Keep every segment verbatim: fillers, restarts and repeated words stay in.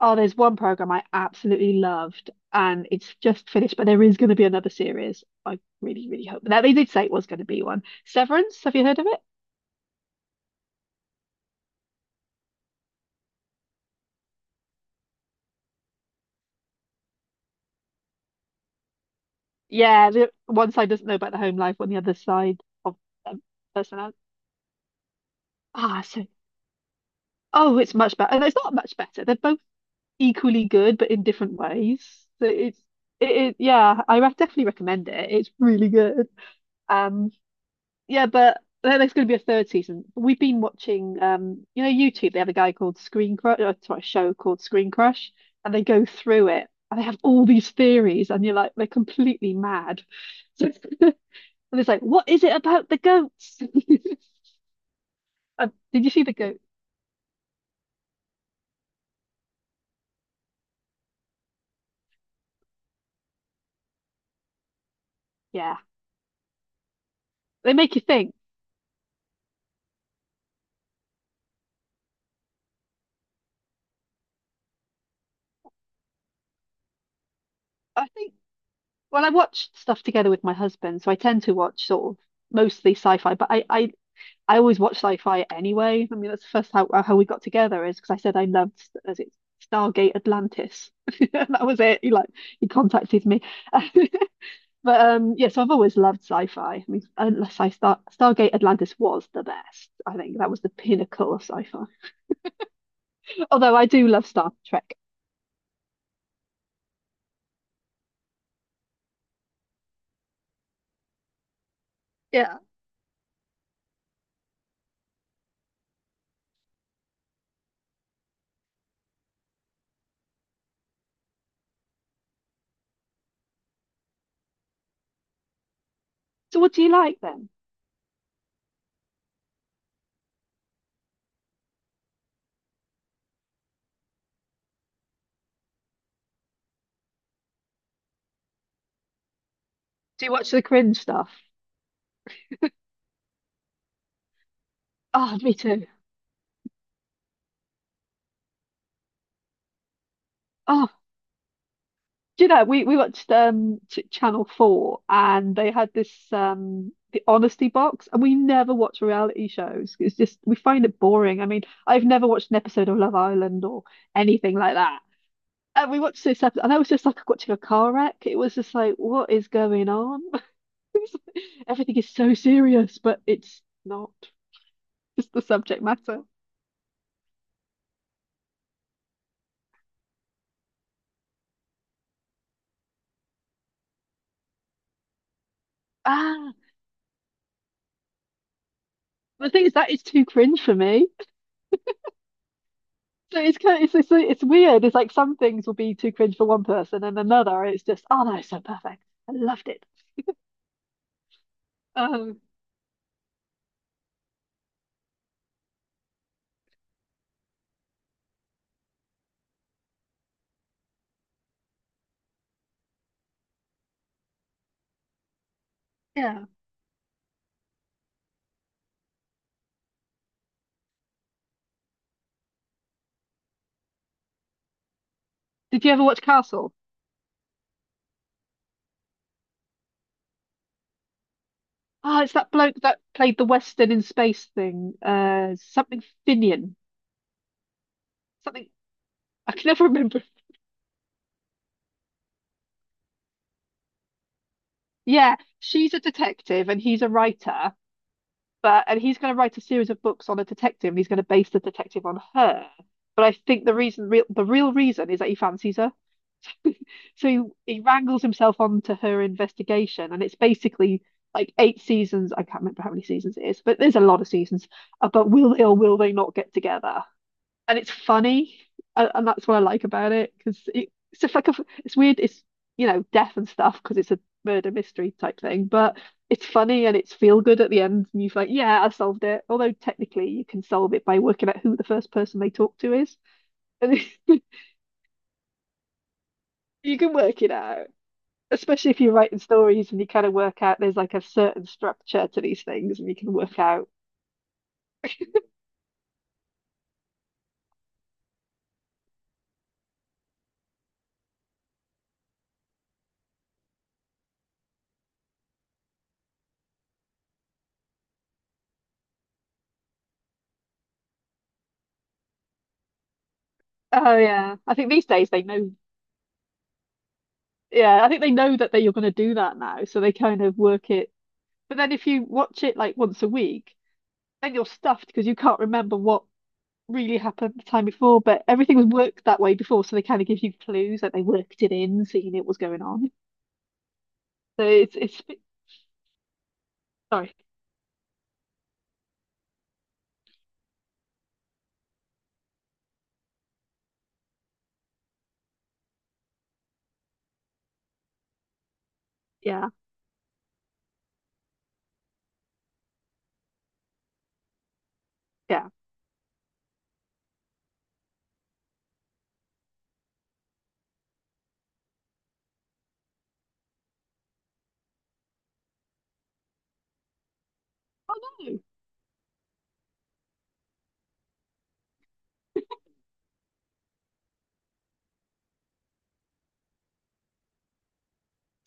Oh, there's one program I absolutely loved, and it's just finished, but there is going to be another series. I really, really hope that they did say it was going to be one. Severance, have you heard of it? Yeah, the one side doesn't know about the home life, on the other side of um, personality. Ah, so oh, it's much better. No, it's not much better. They're both equally good, but in different ways. So it's it, it yeah, I re definitely recommend it. It's really good. Um, Yeah, but there- there's going to be a third season. We've been watching, um, you know, YouTube. They have a guy called Screen Crush, or sorry, a show called Screen Crush, and they go through it, and they have all these theories, and you're like, they're completely mad. So, and it's like, what is it about the goats? Uh, Did you see the goat? Yeah, they make you think. I think Well, I watch stuff together with my husband, so I tend to watch sort of mostly sci-fi, but I I I always watch sci-fi anyway. I mean, that's the first how how we got together is because I said I loved as it Stargate Atlantis. And that was it. He like he contacted me. But um yeah, so I've always loved sci-fi. I mean, unless I start Stargate Atlantis was the best. I think that was the pinnacle of sci-fi. Although I do love Star Trek. Yeah. So what do you like then? Do you watch the cringe stuff? Oh, me too. Oh, do you know, we, we watched um Ch Channel four and they had this um the honesty box, and we never watch reality shows. It's just we find it boring. I mean, I've never watched an episode of Love Island or anything like that. And we watched this episode and that was just like watching a car wreck. It was just like, what is going on? Everything is so serious, but it's not. It's the subject matter. Ah, the thing is that is too cringe for me. So it's kind of, it's, it's it's weird. It's like some things will be too cringe for one person, and another it's just oh no, it's so perfect. I loved it. Um, yeah. Did you ever watch Castle? Oh, it's that bloke that played the Western in space thing. Uh, something Finian. Something I can never remember. Yeah, she's a detective and he's a writer, but and he's going to write a series of books on a detective, and he's going to base the detective on her. But I think the reason, real, the real reason is that he fancies her. So he, he wrangles himself onto her investigation, and it's basically like eight seasons. I can't remember how many seasons it is, but there's a lot of seasons about will they or will they not get together? And it's funny, a- and that's what I like about it because it, it's just like a, it's weird. It's you know death and stuff because it's a murder mystery type thing, but it's funny and it's feel good at the end, and you're like, yeah, I solved it. Although technically you can solve it by working out who the first person they talk to is, and you can work it out. Especially if you're writing stories and you kind of work out there's like a certain structure to these things, and you can work out. Oh yeah. I think these days they know yeah, I think they know that they you're gonna do that now, so they kind of work it. But then if you watch it like once a week, then you're stuffed because you can't remember what really happened the time before, but everything was worked that way before, so they kind of give you clues that they worked it in, so you knew what was going on. So it's it's sorry. Yeah, yeah. Oh no.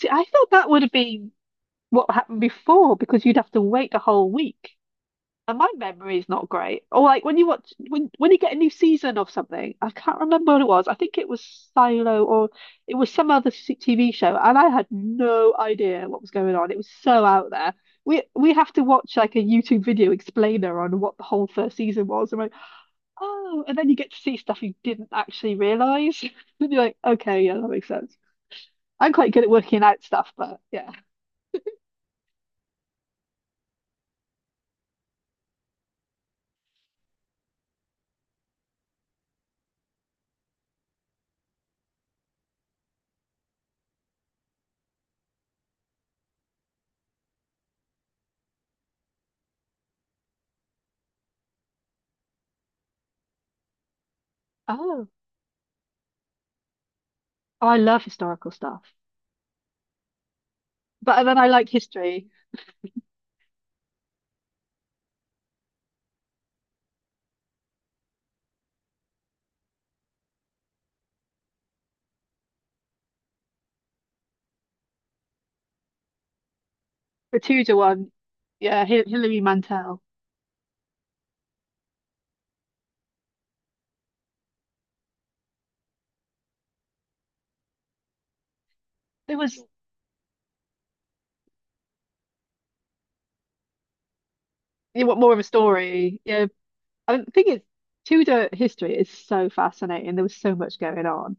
See, I thought that would have been what happened before because you'd have to wait a whole week. And my memory is not great. Or like when you watch when when you get a new season of something, I can't remember what it was. I think it was Silo or it was some other s- T V show, and I had no idea what was going on. It was so out there. We we have to watch like a YouTube video explainer on what the whole first season was. And like, oh, and then you get to see stuff you didn't actually realize. And you're like, okay, yeah, that makes sense. I'm quite good at working out stuff, but yeah. Oh, I love historical stuff. But then I like history. The Tudor one, yeah, Hi- Hilary Mantel. It was You want more of a story. Yeah, I don't think it's Tudor history is so fascinating. There was so much going on,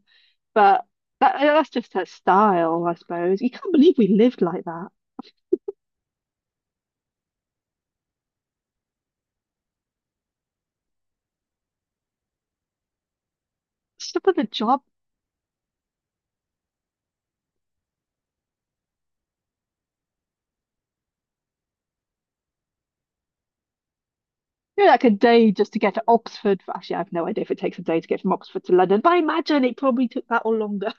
but that that's just her style, I suppose. You can't believe we lived like that. Some of the job, you know, like a day just to get to Oxford. Actually, I have no idea if it takes a day to get from Oxford to London, but I imagine it probably took that or longer.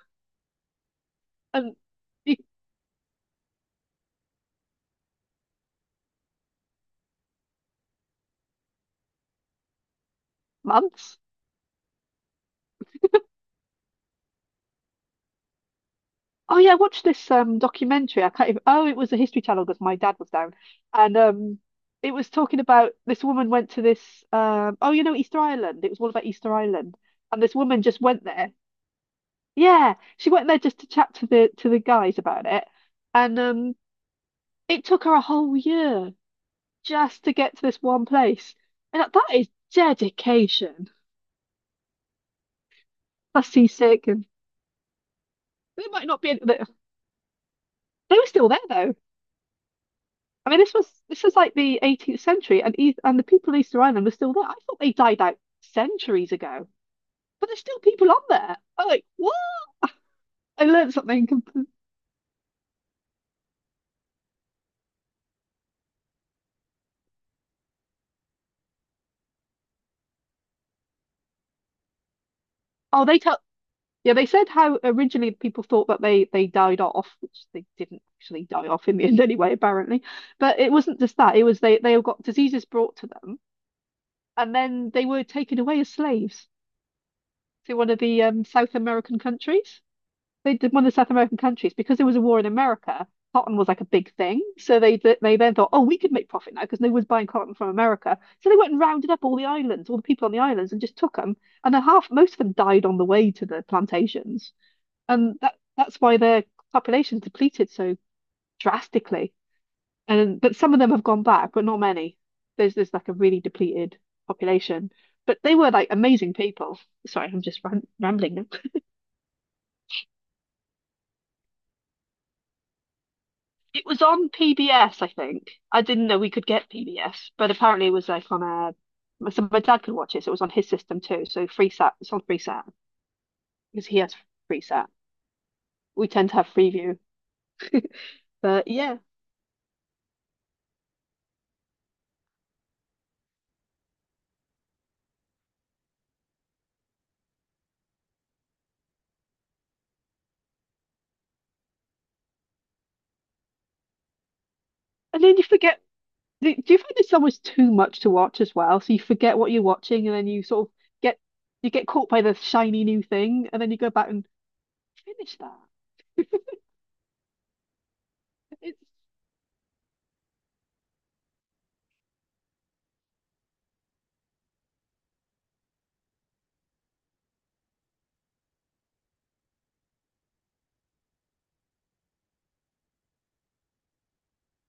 And months. Oh yeah, I watched this um documentary. I can't even, oh, it was a History Channel because my dad was down. And um it was talking about this woman went to this um oh you know Easter Island. It was all about Easter Island. And this woman just went there. Yeah, she went there just to chat to the to the guys about it. And um it took her a whole year just to get to this one place. And that, that is dedication. That's seasick, and they might not be they they were still there though. I mean, this was this was like the eighteenth century, and East, and the people in Easter Island were still there. I thought they died out centuries ago, but there's still people on there. I'm like, what? I learned something. comple- Oh, they tell. Yeah, they said how originally people thought that they they died off, which they didn't actually die off in the end anyway, apparently. But it wasn't just that; it was they they all got diseases brought to them, and then they were taken away as slaves to one of the um, South American countries. They did One of the South American countries, because there was a war in America. Cotton was like a big thing, so they they then thought, oh, we could make profit now because no one's buying cotton from America. So they went and rounded up all the islands, all the people on the islands, and just took them. And then half, most of them died on the way to the plantations, and that that's why their population depleted so drastically. And but some of them have gone back, but not many. There's there's like a really depleted population, but they were like amazing people. Sorry, I'm just ram rambling now. It was on P B S, I think. I didn't know we could get P B S, but apparently it was like on a. So my dad could watch it, so it was on his system too. So Freesat, it's on Freesat because he has Freesat. We tend to have Freeview, but yeah. And then you forget. Do do you find it's almost too much to watch as well? So you forget what you're watching, and then you sort of get you get caught by the shiny new thing, and then you go back and finish that. It's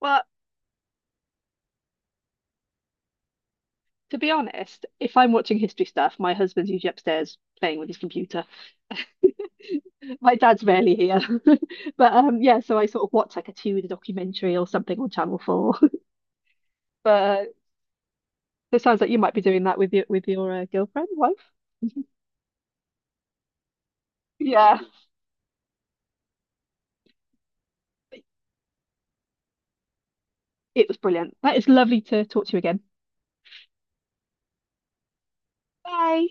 well, to be honest, if I'm watching history stuff, my husband's usually upstairs playing with his computer. My dad's rarely here. But um yeah, so I sort of watch like a Tudor documentary or something on Channel four. But uh, it sounds like you might be doing that with your with your uh, girlfriend, wife. Yeah. It was brilliant. That is lovely to talk to you again. Bye.